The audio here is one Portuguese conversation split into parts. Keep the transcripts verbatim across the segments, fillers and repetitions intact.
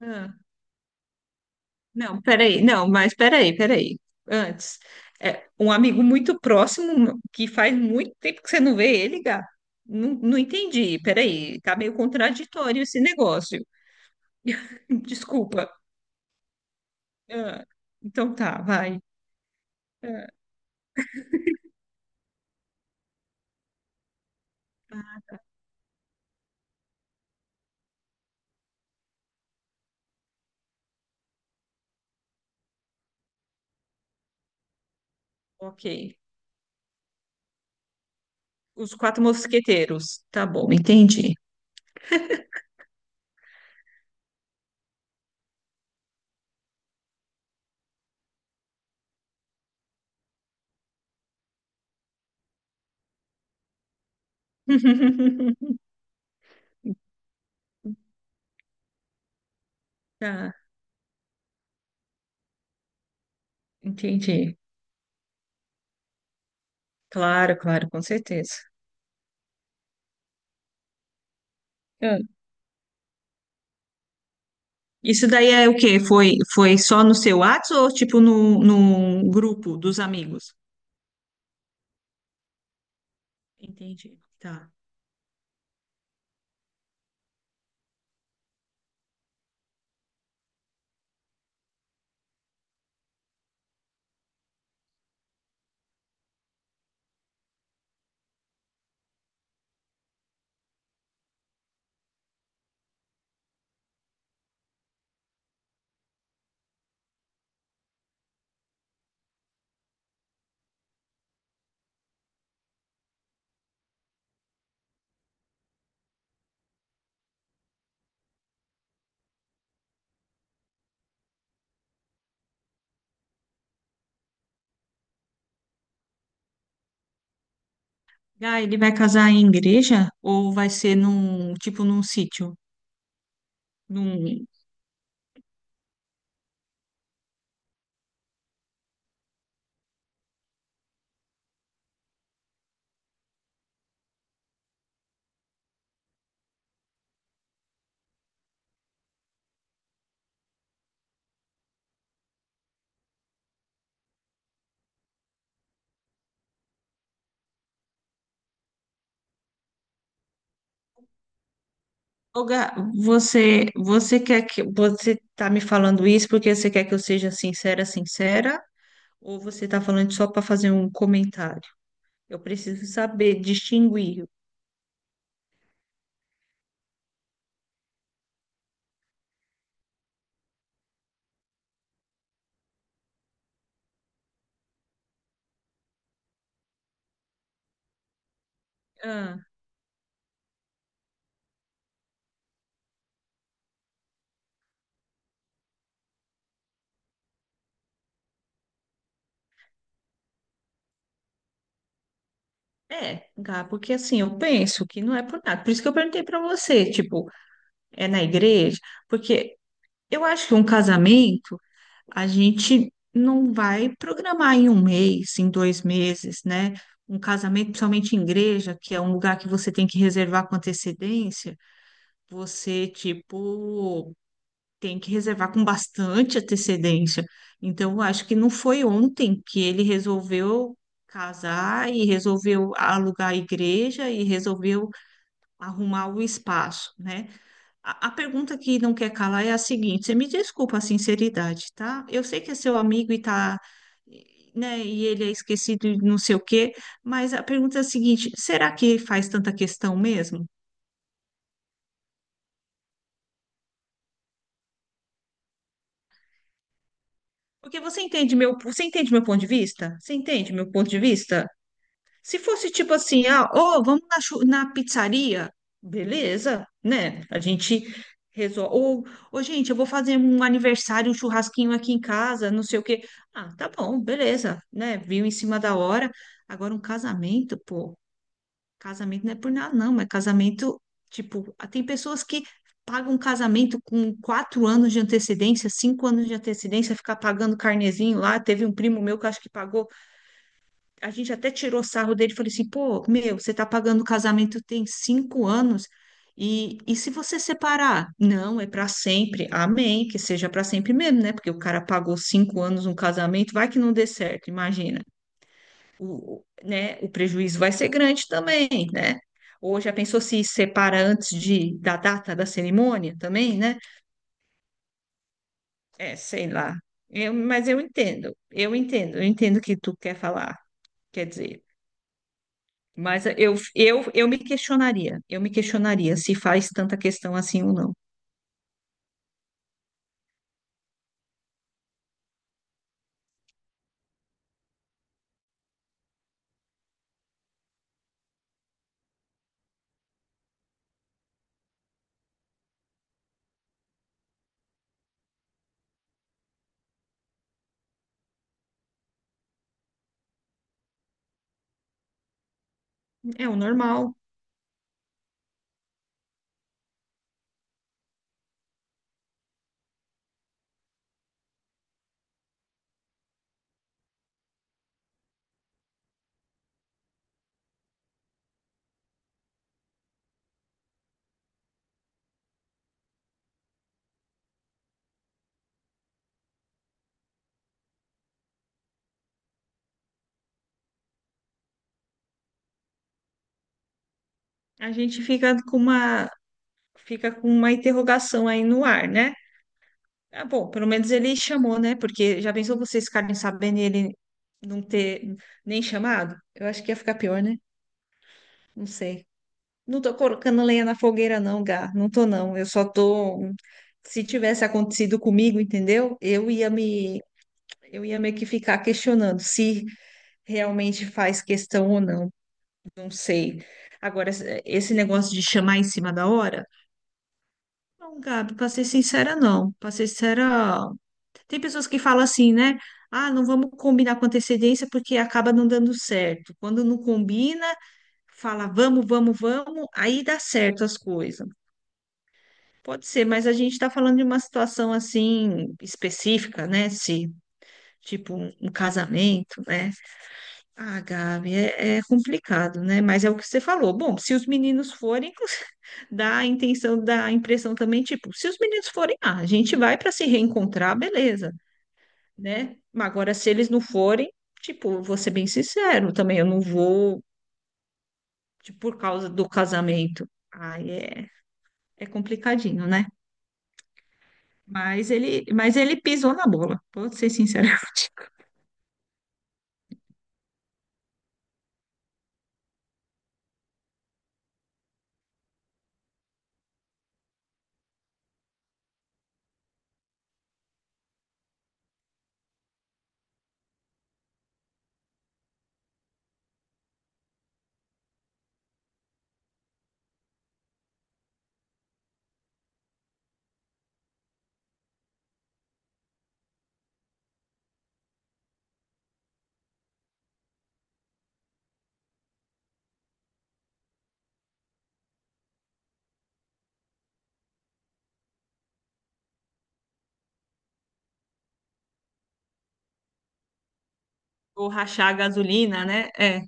Ah, não, peraí, não, mas peraí, peraí. Antes, é, um amigo muito próximo que faz muito tempo que você não vê ele, Gá. Não, não entendi, peraí, tá meio contraditório esse negócio. Desculpa. Ah, então tá, vai. Ah, ah, ok. Os quatro mosqueteiros. Tá bom, entendi. Tá, entendi. Claro, claro, com certeza. Ah, isso daí é o quê? Foi, foi só no seu WhatsApp ou tipo no, no grupo dos amigos? Entendi. Tá. Ah, ele vai casar em igreja ou vai ser num, tipo num sítio? Num... Ô, Gá, você, você quer que você tá me falando isso porque você quer que eu seja sincera, sincera, ou você tá falando só para fazer um comentário? Eu preciso saber distinguir. Ah, é, Gá, porque assim, eu penso que não é por nada. Por isso que eu perguntei para você, tipo, é na igreja, porque eu acho que um casamento a gente não vai programar em um mês, em dois meses, né? Um casamento, principalmente em igreja, que é um lugar que você tem que reservar com antecedência, você, tipo, tem que reservar com bastante antecedência. Então, eu acho que não foi ontem que ele resolveu casar e resolveu alugar a igreja e resolveu arrumar o espaço, né? A a pergunta que não quer calar é a seguinte: você me desculpa a sinceridade, tá? Eu sei que é seu amigo e tá, né? E ele é esquecido e não sei o quê, mas a pergunta é a seguinte: será que faz tanta questão mesmo? Porque você entende meu, você entende meu ponto de vista? Você entende meu ponto de vista? Se fosse tipo assim, ah, ó, vamos na, chu- na pizzaria, beleza, né? A gente resolve. Ou, ô, gente, eu vou fazer um aniversário, um churrasquinho aqui em casa, não sei o quê. Ah, tá bom, beleza, né? Viu em cima da hora. Agora, um casamento, pô, casamento não é por nada, não, mas casamento, tipo, ah, tem pessoas que pagam um casamento com quatro anos de antecedência, cinco anos de antecedência, ficar pagando carnezinho lá. Teve um primo meu que acho que pagou a gente até tirou sarro dele, e falei assim, pô, meu, você tá pagando o casamento tem cinco anos, e, e se você separar? Não, é para sempre, amém, que seja para sempre mesmo, né? Porque o cara pagou cinco anos um casamento, vai que não dê certo, imagina. O, o- né, o prejuízo vai ser grande também, né? Ou já pensou se separa antes de, da data da cerimônia também, né? É, sei lá. Eu, mas eu entendo, eu entendo, eu entendo o que tu quer falar, quer dizer. Mas eu, eu, eu me questionaria, eu me questionaria se faz tanta questão assim ou não. É o normal. A gente fica com uma, fica com uma interrogação aí no ar, né? Ah, bom, pelo menos ele chamou, né? Porque já pensou vocês ficarem sabendo e ele não ter nem chamado? Eu acho que ia ficar pior, né? Não sei. Não tô colocando lenha na fogueira, não, Gá. Não tô, não. Eu só tô. Se tivesse acontecido comigo, entendeu? Eu ia me, eu ia meio que ficar questionando se realmente faz questão ou não, não sei. Agora, esse negócio de chamar em cima da hora, não, Gabi, para ser sincera, não. Para ser sincera, tem pessoas que falam assim, né? Ah, não vamos combinar com antecedência porque acaba não dando certo. Quando não combina, fala vamos, vamos, vamos, aí dá certo as coisas. Pode ser, mas a gente está falando de uma situação assim específica, né? Se, tipo, um um casamento, né? Ah, Gabi, é, é complicado, né? Mas é o que você falou. Bom, se os meninos forem, dá a intenção, dá a impressão também, tipo, se os meninos forem, ah, a gente vai para se reencontrar, beleza, né? Mas agora, se eles não forem, tipo, vou ser bem sincero, também eu não vou, tipo, por causa do casamento. Aí é, é complicadinho, né? Mas ele, mas ele pisou na bola, vou ser sincera. Ou rachar a gasolina, né? É,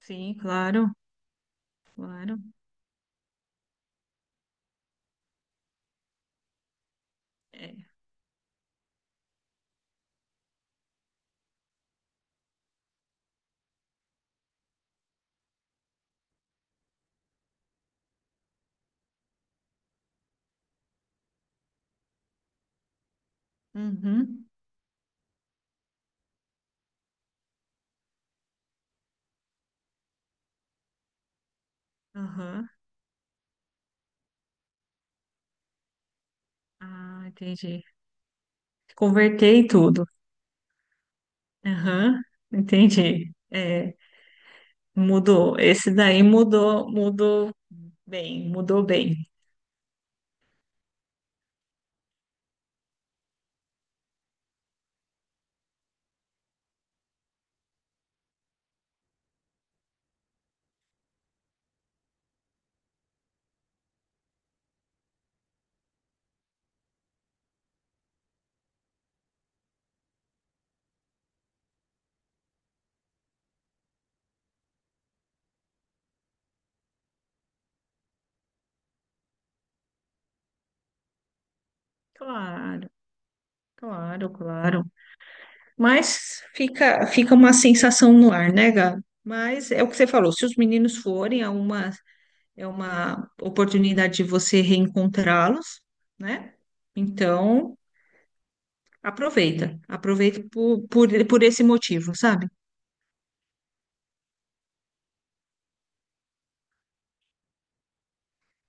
sim, claro, claro. É. Uhum. Aham. Ah, entendi. Converter tudo. Aham, entendi. É, mudou. Esse daí mudou, mudou bem, mudou bem. Claro, claro, claro. Mas fica, fica uma sensação no ar, né, Gabi? Mas é o que você falou, se os meninos forem, é uma, é uma oportunidade de você reencontrá-los, né? Então, aproveita, aproveita por, por, por esse motivo, sabe?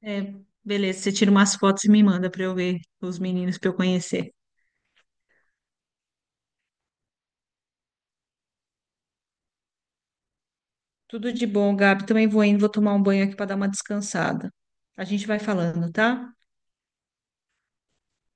É, beleza, você tira umas fotos e me manda pra eu ver os meninos pra eu conhecer. Tudo de bom, Gabi. Também vou indo, vou tomar um banho aqui pra dar uma descansada. A gente vai falando, tá?